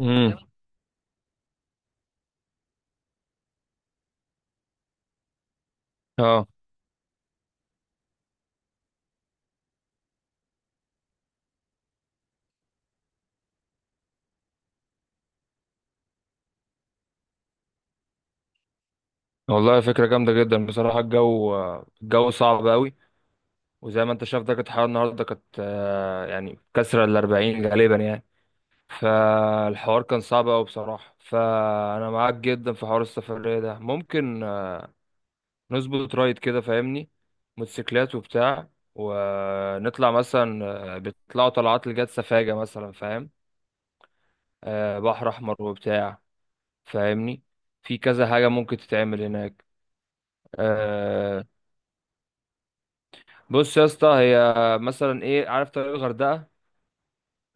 امم اه، والله فكرة جامدة جدا بصراحة. الجو صعب قوي، وزي ما انت شايف درجة الحرارة النهاردة كانت يعني كسرة 40 غالبا يعني. فالحوار كان صعب قوي بصراحة، فأنا معاك جدا في حوار السفرية ده. ممكن نظبط رايد كده، فاهمني؟ موتوسيكلات وبتاع، ونطلع مثلا بيطلعوا طلعات لجات سفاجة مثلا، فاهم؟ بحر أحمر وبتاع، فاهمني؟ في كذا حاجة ممكن تتعمل هناك. آه، بص يا اسطى، هي مثلا ايه، عارف طريق الغردقه؟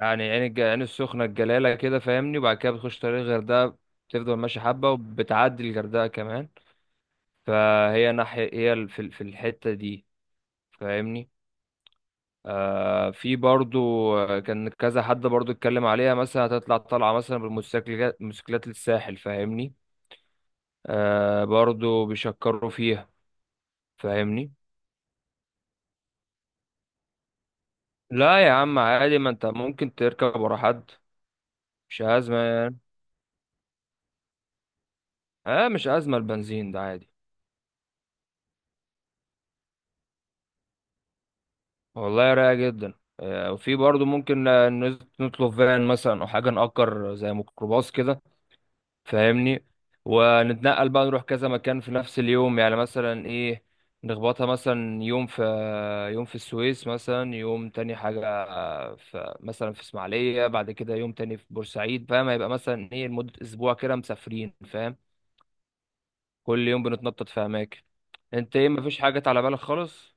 يعني عين السخنه، الجلاله كده فاهمني، وبعد كده بتخش طريق الغردقه، بتفضل ماشي حبه وبتعدي الغردقه كمان. فهي ناحيه، هي في في الحته دي، فاهمني. في برضو كان كذا حد برضو اتكلم عليها، مثلا هتطلع طالعه مثلا بالموتوسيكلات، للساحل، فاهمني. برضو بيشكروا فيها، فاهمني. لا يا عم عادي، ما انت ممكن تركب ورا حد، مش أزمة. اه، مش أزمة، البنزين ده عادي. والله رايقة جدا. وفي برضه ممكن نطلب فان مثلا، أو حاجة نأجر زي ميكروباص كده، فاهمني؟ ونتنقل بقى، نروح كذا مكان في نفس اليوم، يعني مثلا إيه نخبطها مثلا يوم في السويس، مثلا يوم تاني حاجة في، مثلا في إسماعيلية، بعد كده يوم تاني في بورسعيد، فاهم؟ هيبقى مثلا إيه لمدة أسبوع كده مسافرين، فاهم؟ كل يوم بنتنطط في أماكن. أنت إيه، مفيش حاجة على بالك خالص؟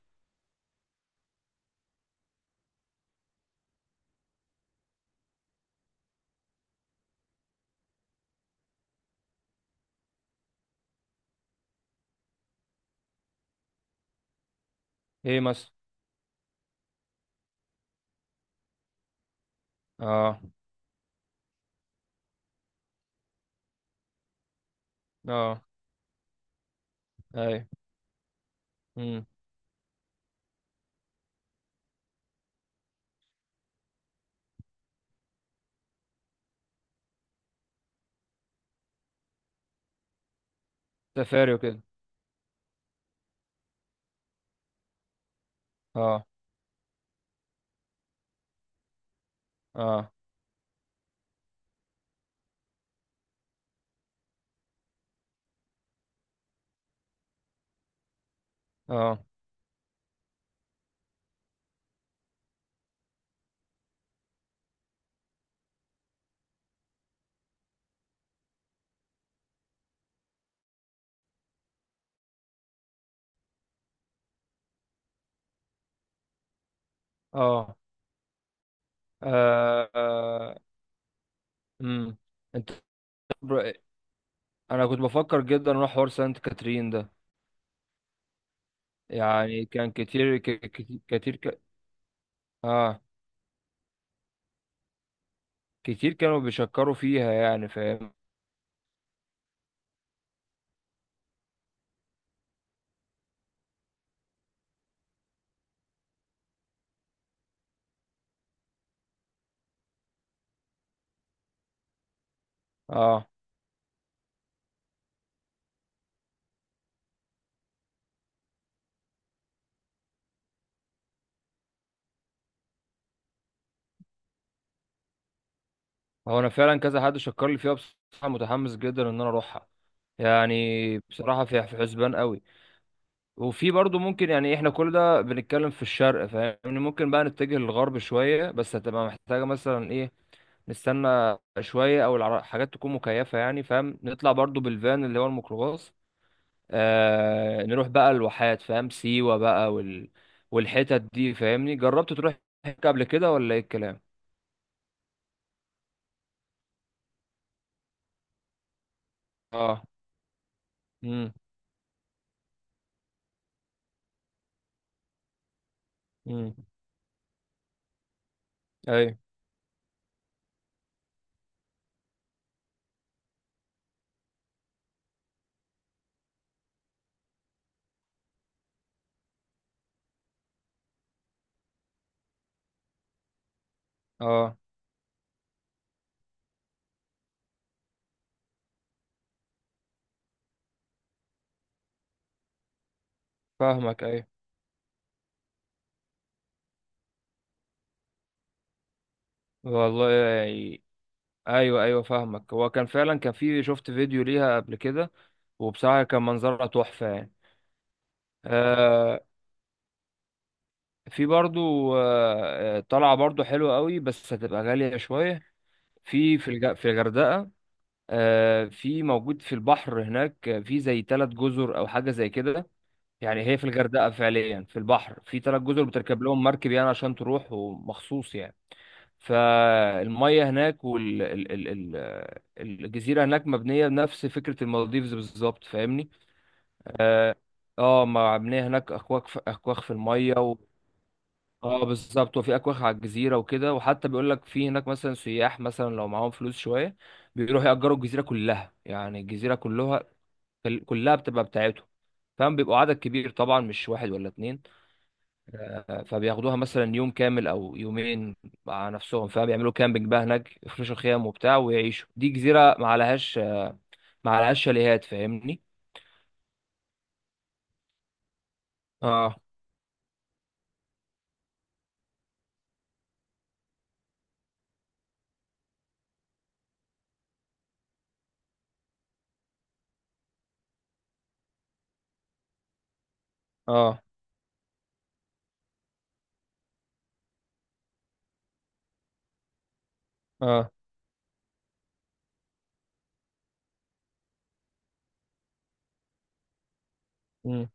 إيه مثلا؟ اه. اه. اي. امم. سفاري وكده. اه. اه. اه. اه. اه. امم. انت بر- انا كنت بفكر جدا اروح حوار سانت كاترين ده، يعني كان كتير ك- كتير كتير ك... اه، كتير كانوا بيشكروا فيها يعني، فاهم؟ اه، هو انا فعلا كذا حد شكر لي فيها بصراحة، متحمس جدا ان انا اروحها، يعني بصراحة في حسبان قوي. وفي برضو ممكن، يعني احنا كل ده بنتكلم في الشرق فاهمني، ممكن بقى نتجه للغرب شوية، بس هتبقى محتاجة مثلا ايه، نستنى شوية، او حاجات تكون مكيفة يعني، فاهم. نطلع برضو بالفان اللي هو الميكروباص، نروح بقى الواحات، فاهم، سيوة بقى والحتت دي، فاهمني؟ جربت تروح هناك قبل كده، ولا ايه الكلام؟ اه. امم. امم. اي. اه. فاهمك. اي، والله يعني. ايوه، ايوه، فاهمك. هو كان فعلا، كان في شفت فيديو ليها قبل كده، وبصراحه كان منظرها تحفه يعني. آه في برضو طلعه برضو حلوه قوي، بس هتبقى غاليه شويه في الغردقه. في موجود في البحر هناك، في زي ثلاث جزر او حاجه زي كده. يعني هي في الغردقه فعليا، في البحر في ثلاث جزر، بتركب لهم مركب يعني عشان تروح، ومخصوص يعني. فالميه هناك وال ال ال ال الجزيره هناك مبنيه بنفس فكره المالديفز بالظبط، فاهمني. اه. مبنيه هناك، اكواخ، في اكواخ في الميه. اه، بالظبط. وفي اكواخ على الجزيره وكده، وحتى بيقول لك في هناك مثلا سياح، مثلا لو معاهم فلوس شويه بيروحوا يأجروا الجزيره كلها، يعني الجزيره كلها، كلها بتبقى بتاعتهم، فاهم؟ بيبقوا عدد كبير طبعا، مش واحد ولا اتنين. فبياخدوها مثلا يوم كامل او يومين مع نفسهم، فبيعملوا كامبينج بقى هناك، يفرشوا خيام وبتاع ويعيشوا. دي جزيره ما عليهاش شاليهات، فاهمني. اه. اه. اه. امم.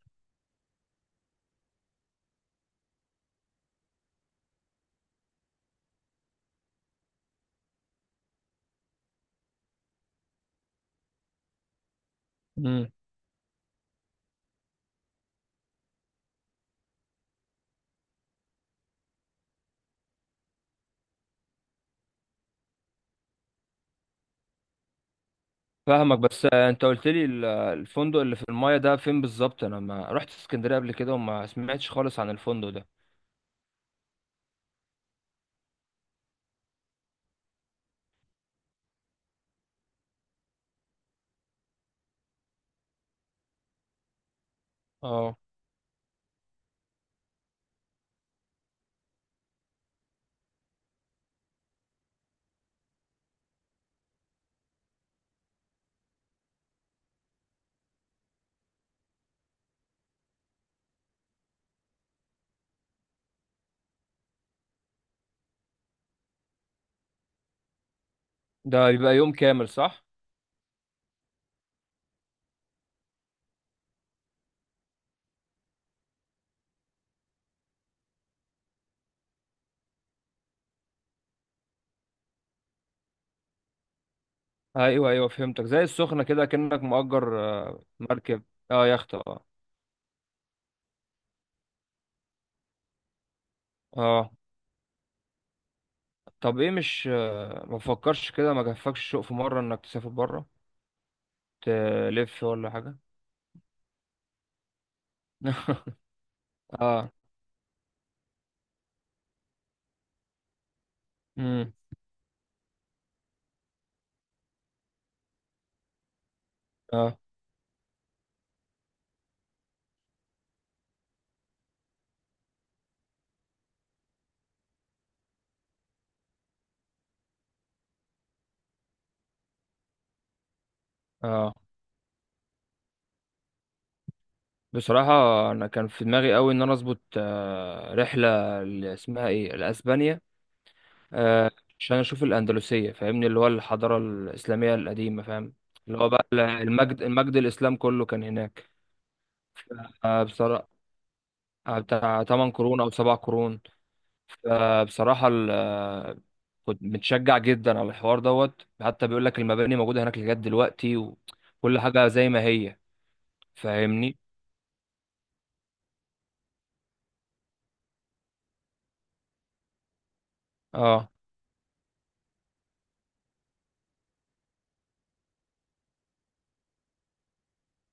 امم. فاهمك. بس انت قلت لي الفندق اللي في المايه ده فين بالظبط؟ انا ما رحت اسكندريه قبل كده، وما سمعتش خالص عن الفندق ده. اه. ده يبقى يوم كامل، صح؟ ايوه، ايوه، فهمتك، زي السخنه كده، كأنك مؤجر مركب. اه، يخت. اه. اه، طب ايه، مش ما فكرش كده، ما جفكش الشوق في مرة انك تسافر بره، تلف ولا حاجة؟ اه. امم. اه. اه، بصراحة انا كان في دماغي قوي ان انا اظبط رحلة، اللي اسمها ايه، لاسبانيا، آه، عشان اشوف الاندلسية، فاهمني، اللي هو الحضارة الاسلامية القديمة، فاهم؟ اللي هو بقى، المجد، المجد الاسلام كله كان هناك. بصراحة بتاع 8 قرون او 7 قرون، فبصراحة كنت متشجع جدا على الحوار دوت، حتى بيقول لك المباني موجودة هناك لغاية دلوقتي، وكل حاجة زي ما هي، فاهمني. اه.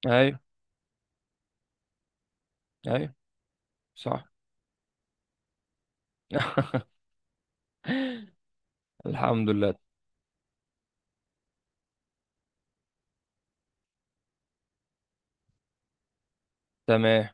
ايوه، ايوه، صح. الحمد لله. تمام.